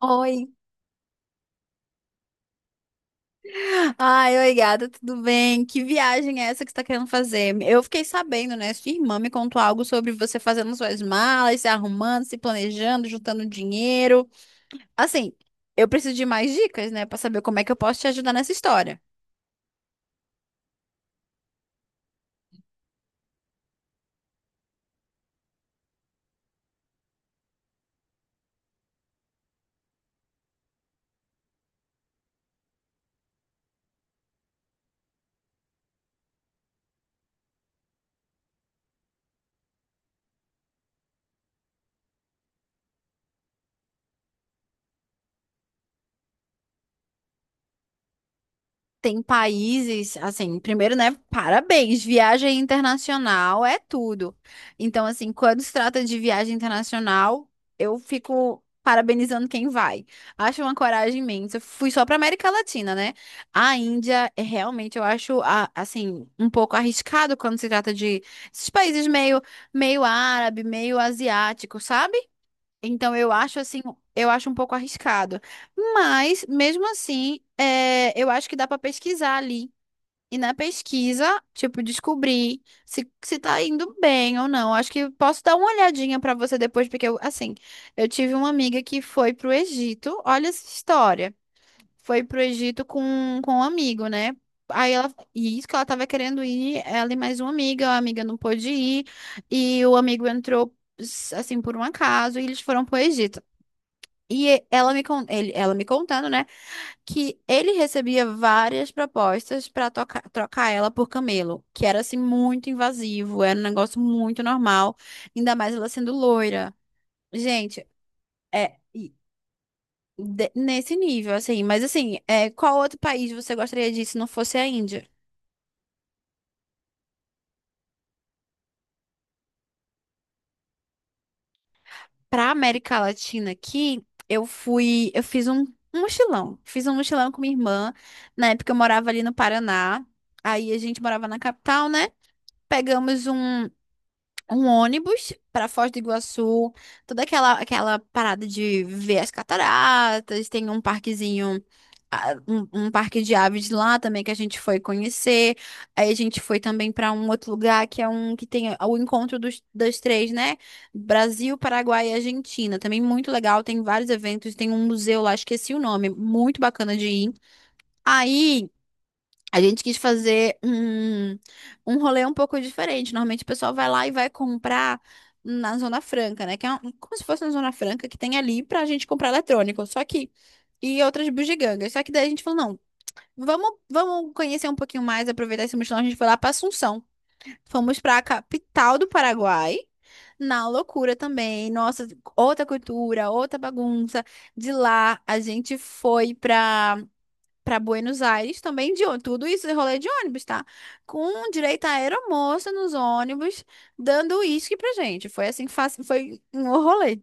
Oi. Ai, oi, gata, tudo bem? Que viagem é essa que você tá querendo fazer? Eu fiquei sabendo, né? Sua irmã me contou algo sobre você fazendo suas malas, se arrumando, se planejando, juntando dinheiro. Assim, eu preciso de mais dicas, né, pra saber como é que eu posso te ajudar nessa história. Tem países, assim, primeiro, né? Parabéns, viagem internacional é tudo. Então, assim, quando se trata de viagem internacional, eu fico parabenizando quem vai. Acho uma coragem imensa. Eu fui só para América Latina, né? A Índia, é realmente, eu acho, assim, um pouco arriscado quando se trata de esses países meio, meio árabe, meio asiático, sabe? Então, eu acho assim, eu acho um pouco arriscado. Mas, mesmo assim, é, eu acho que dá para pesquisar ali. E na pesquisa, tipo, descobrir se tá indo bem ou não. Acho que posso dar uma olhadinha para você depois, porque eu, assim, eu tive uma amiga que foi pro Egito. Olha essa história. Foi pro Egito com um amigo, né? Aí ela, e isso que ela tava querendo ir, ela e mais uma amiga, a amiga não pôde ir, e o amigo entrou, assim, por um acaso, e eles foram pro Egito. Ela me contando, né, que ele recebia várias propostas para trocar ela por Camelo, que era assim muito invasivo, era um negócio muito normal, ainda mais ela sendo loira. Gente, é e nesse nível, assim. Mas assim, é, qual outro país você gostaria de ir se não fosse a Índia? Para América Latina aqui, eu fui, eu fiz um mochilão, fiz um mochilão com minha irmã. Na época eu morava ali no Paraná, aí a gente morava na capital, né? Pegamos um ônibus para Foz do Iguaçu, toda aquela parada de ver as cataratas, tem um parquezinho, ah, um parque de aves lá também que a gente foi conhecer. Aí a gente foi também para um outro lugar que é um que tem o encontro dos, das três, né? Brasil, Paraguai e Argentina. Também muito legal, tem vários eventos, tem um museu lá, esqueci o nome, muito bacana de ir. Aí a gente quis fazer um rolê um pouco diferente. Normalmente o pessoal vai lá e vai comprar na Zona Franca, né? Que é como se fosse na Zona Franca que tem ali pra gente comprar eletrônico. Só que e outras bugigangas. Só que daí a gente falou, não, vamos conhecer um pouquinho mais, aproveitar esse mochilão. A gente foi lá pra Assunção. Fomos pra capital do Paraguai. Na loucura também. Nossa, outra cultura, outra bagunça. De lá a gente foi pra para Buenos Aires também de ônibus. Tudo isso é rolê de ônibus, tá? Com direito a aeromoça nos ônibus, dando uísque pra gente. Foi assim, fácil, foi um rolê.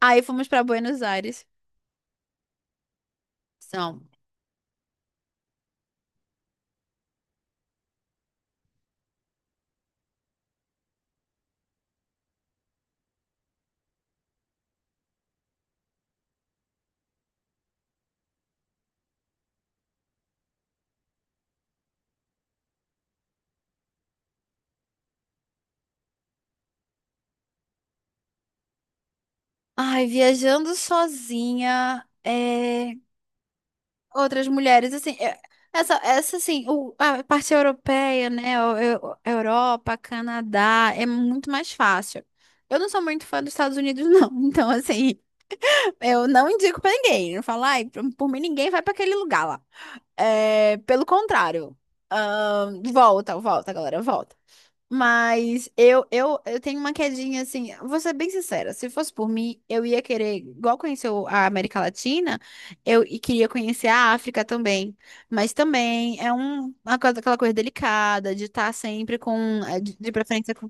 Aí fomos para Buenos Aires. São. Ai, viajando sozinha, é, outras mulheres, assim, é, essa, assim, a parte europeia, né, Europa, Canadá, é muito mais fácil. Eu não sou muito fã dos Estados Unidos, não, então, assim, eu não indico pra ninguém. Eu não falo, ai, por mim ninguém vai pra aquele lugar lá. É, pelo contrário. Volta, volta, galera, volta. Mas eu tenho uma quedinha assim, vou ser bem sincera, se fosse por mim, eu ia querer, igual conheceu a América Latina, eu queria conhecer a África também. Mas também é um, uma coisa, aquela coisa delicada de estar sempre com, de preferência com.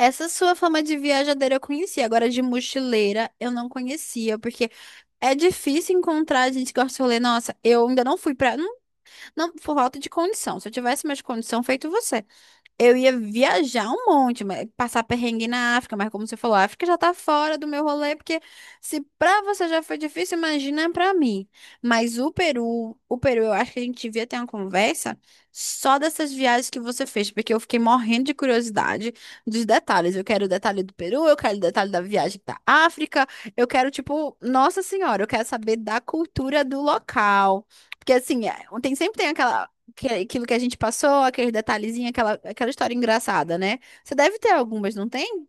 Essa sua fama de viajadeira eu conhecia, agora de mochileira eu não conhecia, porque é difícil encontrar gente que gosta de rolê. Nossa, eu ainda não fui pra. Não, não, Por falta de condição. Se eu tivesse mais condição, feito você. Eu ia viajar um monte, mas passar perrengue na África, mas como você falou, a África já tá fora do meu rolê, porque se pra você já foi difícil, imagina pra mim. Mas o Peru, eu acho que a gente devia ter uma conversa só dessas viagens que você fez, porque eu fiquei morrendo de curiosidade dos detalhes. Eu quero o detalhe do Peru, eu quero o detalhe da viagem da África, eu quero, tipo, Nossa Senhora, eu quero saber da cultura do local. Porque assim, é, tem sempre tem aquela aquilo que a gente passou, aqueles detalhezinhos, aquela história engraçada, né? Você deve ter algumas, não tem?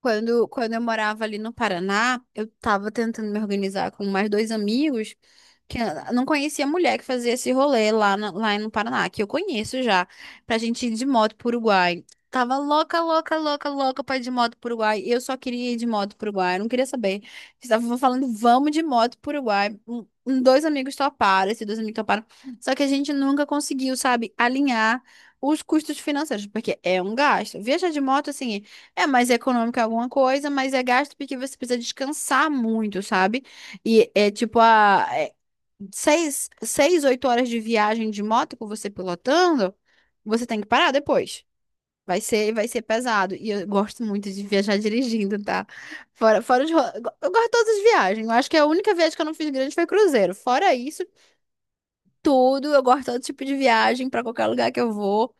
Quando eu morava ali no Paraná, eu tava tentando me organizar com mais dois amigos que ah, não conhecia a mulher que fazia esse rolê lá, lá no Paraná, que eu conheço já, pra gente ir de moto pro Uruguai. Tava louca pra ir de moto pro Uruguai. Eu só queria ir de moto pro Uruguai, eu não queria saber. Estavam falando, vamos de moto pro Uruguai. Dois amigos toparam, esses dois amigos toparam. Só que a gente nunca conseguiu, sabe, alinhar os custos financeiros, porque é um gasto. Viajar de moto, assim. É mais econômico em alguma coisa, mas é gasto porque você precisa descansar muito, sabe? E é tipo oito horas de viagem de moto com você pilotando, você tem que parar depois. Vai ser pesado. E eu gosto muito de viajar dirigindo, tá? Fora, fora de, ro- Eu go- Eu gosto de todas as viagens. Eu acho que a única viagem que eu não fiz grande foi cruzeiro. Fora isso, tudo, eu gosto de todo tipo de viagem pra qualquer lugar que eu vou.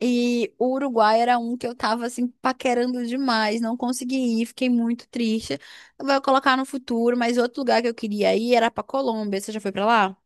E o Uruguai era um que eu tava assim paquerando demais, não consegui ir, fiquei muito triste. Vou colocar no futuro, mas outro lugar que eu queria ir era pra Colômbia. Você já foi pra lá?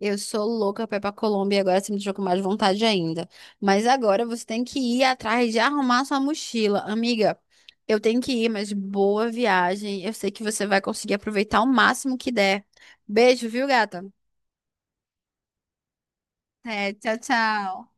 Eu sou louca pra ir pra Colômbia e agora você me deixou com mais vontade ainda. Mas agora você tem que ir atrás de arrumar sua mochila. Amiga, eu tenho que ir, mas boa viagem. Eu sei que você vai conseguir aproveitar o máximo que der. Beijo, viu, gata? É, tchau, tchau.